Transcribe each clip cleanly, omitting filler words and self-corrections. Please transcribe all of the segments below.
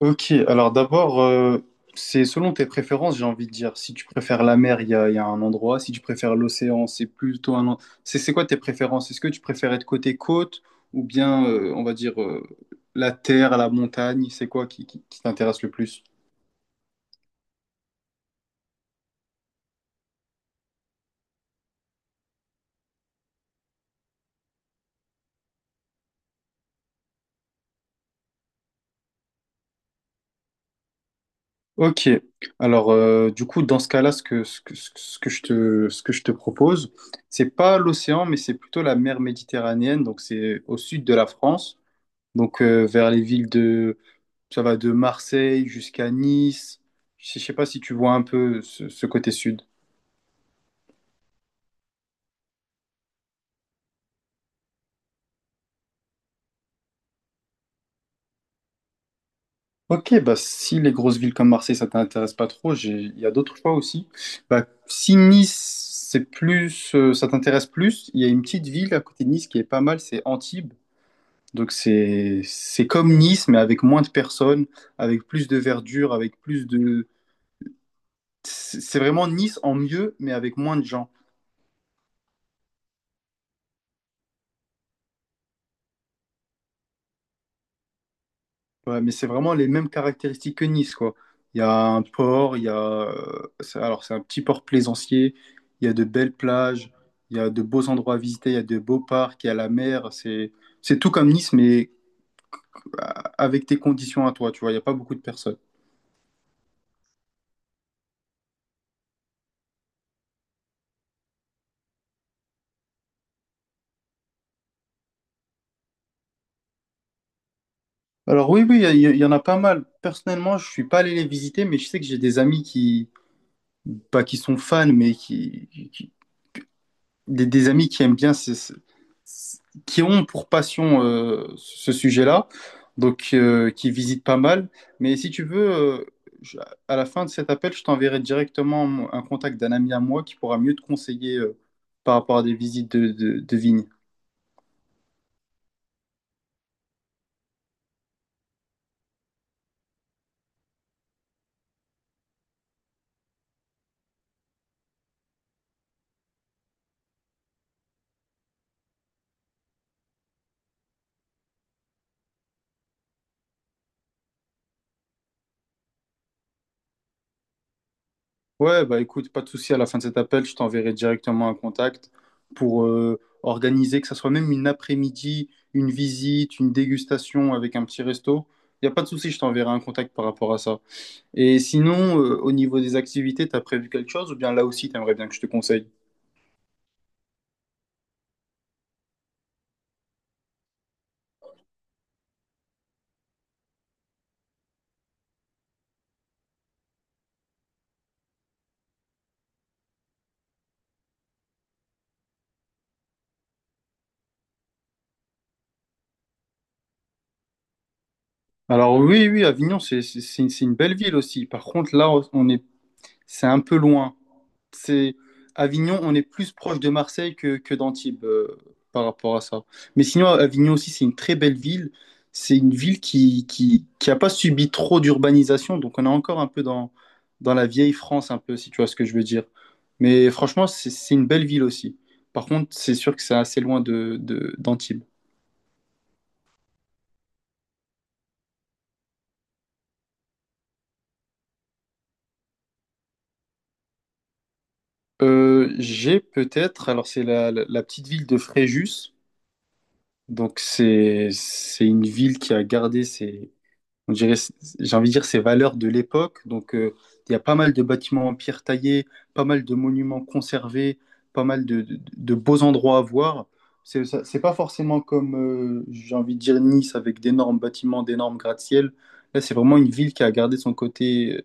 Ok, alors d'abord, c'est selon tes préférences, j'ai envie de dire. Si tu préfères la mer, il y a un endroit. Si tu préfères l'océan, c'est plutôt un... c'est quoi tes préférences? Est-ce que tu préfères être côté côte ou bien, on va dire, la terre, la montagne? C'est quoi qui t'intéresse le plus? Ok, alors du coup, dans ce cas-là, ce que je te propose, c'est pas l'océan, mais c'est plutôt la mer Méditerranéenne. Donc c'est au sud de la France, donc vers les villes. Ça va de Marseille jusqu'à Nice. Je ne sais pas si tu vois un peu ce côté sud. Ok, bah si les grosses villes comme Marseille, ça t'intéresse pas trop, il y a d'autres choix aussi. Bah, si Nice, c'est plus, ça t'intéresse plus, il y a une petite ville à côté de Nice qui est pas mal, c'est Antibes. Donc c'est comme Nice, mais avec moins de personnes, avec plus de verdure, avec plus de... C'est vraiment Nice en mieux, mais avec moins de gens. Ouais, mais c'est vraiment les mêmes caractéristiques que Nice, quoi. Il y a un port, il y a... Alors, c'est un petit port plaisancier, il y a de belles plages, il y a de beaux endroits à visiter, il y a de beaux parcs, il y a la mer. C'est tout comme Nice, mais euh, avec tes conditions à toi, tu vois. Il n'y a pas beaucoup de personnes. Alors oui, oui, il y en a pas mal. Personnellement, je suis pas allé les visiter, mais je sais que j'ai des amis qui, pas qui sont fans, mais qui, des amis qui aiment bien, qui ont pour passion ce sujet-là, donc qui visitent pas mal. Mais si tu veux, je- à la fin de cet appel, je t'enverrai directement un contact d'un ami à moi qui pourra mieux te conseiller par rapport à des visites de vignes. Ouais, bah écoute, pas de souci, à la fin de cet appel, je t'enverrai directement un contact pour organiser, que ça soit même une après-midi, une visite, une dégustation avec un petit resto. Il n'y a pas de souci, je t'enverrai un contact par rapport à ça. Et sinon, au niveau des activités, t'as prévu quelque chose ou bien là aussi, t'aimerais bien que je te conseille? Alors oui, oui, Avignon, c'est une belle ville aussi. Par contre, là, on est, c'est un peu loin. C'est Avignon, on est plus proche de Marseille que d'Antibes par rapport à ça. Mais sinon, Avignon aussi, c'est une très belle ville. C'est une ville qui a pas subi trop d'urbanisation, donc on est encore un peu dans la vieille France, un peu, si tu vois ce que je veux dire. Mais franchement, c'est une belle ville aussi. Par contre, c'est sûr que c'est assez loin d'Antibes. J'ai peut-être, alors c'est la petite ville de Fréjus, donc c'est une ville qui a gardé ses, on dirait, j'ai envie de dire, ces valeurs de l'époque. Donc, il y a pas mal de bâtiments en pierre taillée, pas mal de monuments conservés, pas mal de beaux endroits à voir. C'est pas forcément comme, j'ai envie de dire, Nice avec d'énormes bâtiments, d'énormes gratte-ciel. Là, c'est vraiment une ville qui a gardé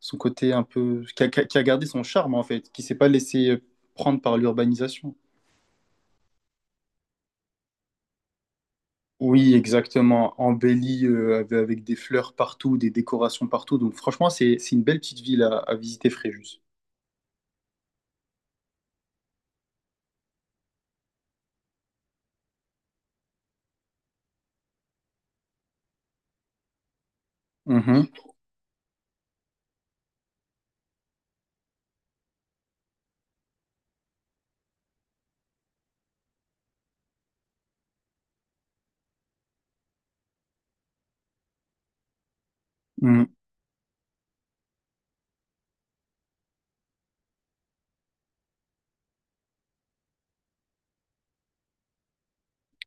son côté un peu, qui a gardé son charme en fait, qui s'est pas laissé prendre par l'urbanisation. Oui, exactement. Embellie avec des fleurs partout, des décorations partout. Donc franchement, c'est une belle petite ville à visiter, Fréjus. Mhm. Mhm.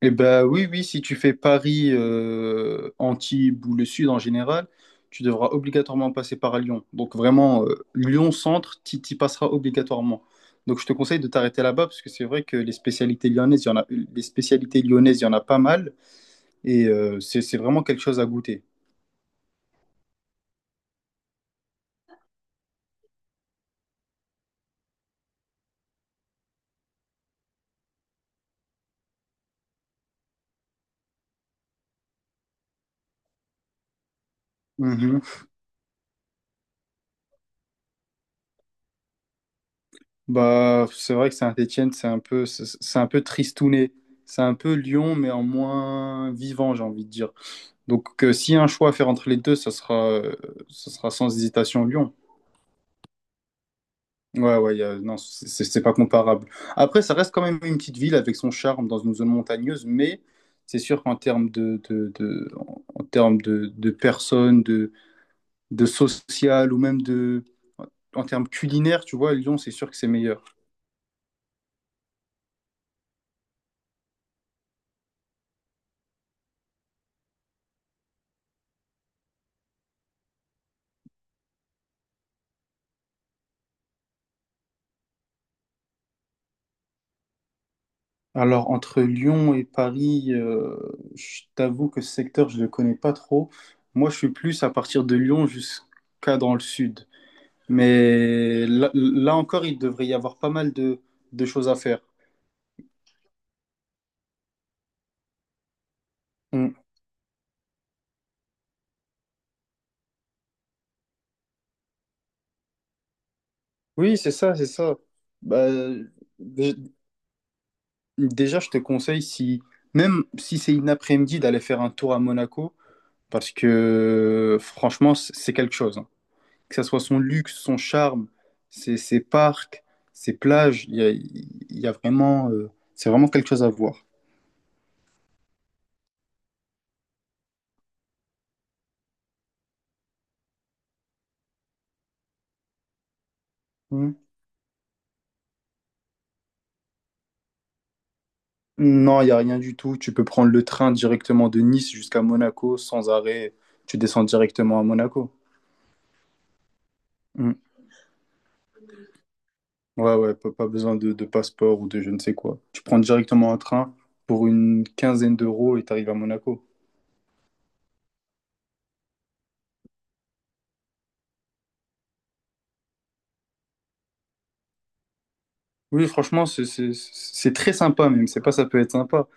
Eh ben oui, oui, si tu fais Paris, Antibes ou le Sud en général, tu devras obligatoirement passer par Lyon. Donc vraiment, Lyon-Centre, tu y passeras obligatoirement. Donc je te conseille de t'arrêter là-bas parce que c'est vrai que les spécialités lyonnaises, il y en a pas mal et c'est vraiment quelque chose à goûter. Bah, c'est vrai que Saint-Étienne, c'est un peu tristouné. C'est un peu Lyon, mais en moins vivant, j'ai envie de dire. Donc, s'il y a un choix à faire entre les deux, ça sera sans hésitation Lyon. Ouais, ouais, non, c'est pas comparable. Après, ça reste quand même une petite ville avec son charme dans une zone montagneuse, mais c'est sûr qu'en termes en en termes de personnes, de social ou même de, en termes culinaires, tu vois, Lyon, c'est sûr que c'est meilleur. Alors, entre Lyon et Paris, je t'avoue que ce secteur, je ne le connais pas trop. Moi, je suis plus à partir de Lyon jusqu'à dans le sud. Mais là, là encore, il devrait y avoir pas mal de choses à faire. Mm. Oui, c'est ça, c'est ça. Bah, dé- déjà, je te conseille, si, même si c'est une après-midi, d'aller faire un tour à Monaco, parce que franchement, c'est quelque chose, hein. Que ce soit son luxe, son charme, ses parcs, ses plages, il y a vraiment, c'est vraiment quelque chose à voir. Hmm. Non, il n'y a rien du tout. Tu peux prendre le train directement de Nice jusqu'à Monaco sans arrêt. Tu descends directement à Monaco. Hmm. Ouais, ouais, pas besoin de passeport ou de je ne sais quoi. Tu prends directement un train pour une quinzaine d'euros et tu arrives à Monaco. Oui, franchement, c'est très sympa même. C'est pas ça peut être sympa.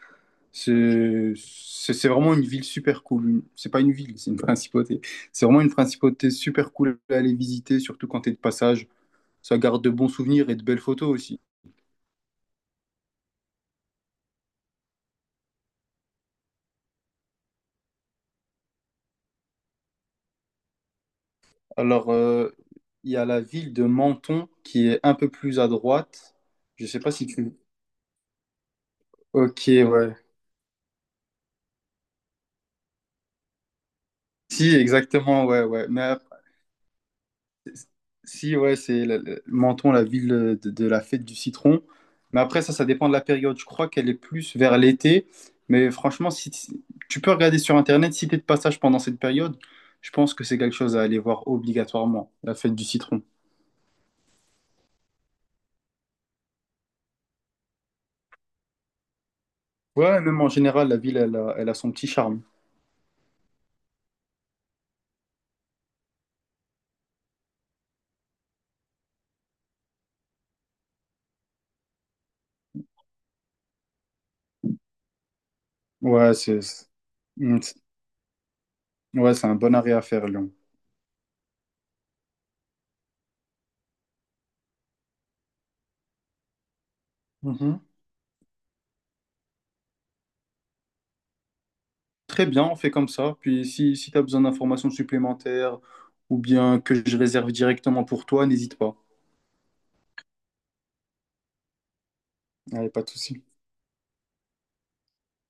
C'est vraiment une ville super cool. Une- C'est pas une ville, c'est une principauté. C'est vraiment une principauté super cool à aller visiter, surtout quand t'es de passage. Ça garde de bons souvenirs et de belles photos aussi. Alors, il y a la ville de Menton qui est un peu plus à droite. Je sais pas si tu... Ok, ouais. Si, exactement, ouais, ouais. Mais si, ouais, Menton, la ville de la fête du citron. Mais après, ça dépend de la période. Je crois qu'elle est plus vers l'été. Mais franchement, tu peux regarder sur Internet, si tu es de passage pendant cette période, je pense que c'est quelque chose à aller voir obligatoirement, la fête du citron. Ouais, même en général, la ville, elle a son petit charme. Ouais, c'est c'est- mm, c'est- ouais, c'est un bon arrêt à faire, Lyon. Mhm. Très bien, on fait comme ça. Puis si, si tu as besoin d'informations supplémentaires ou bien que je réserve directement pour toi, n'hésite pas. Allez, pas de souci.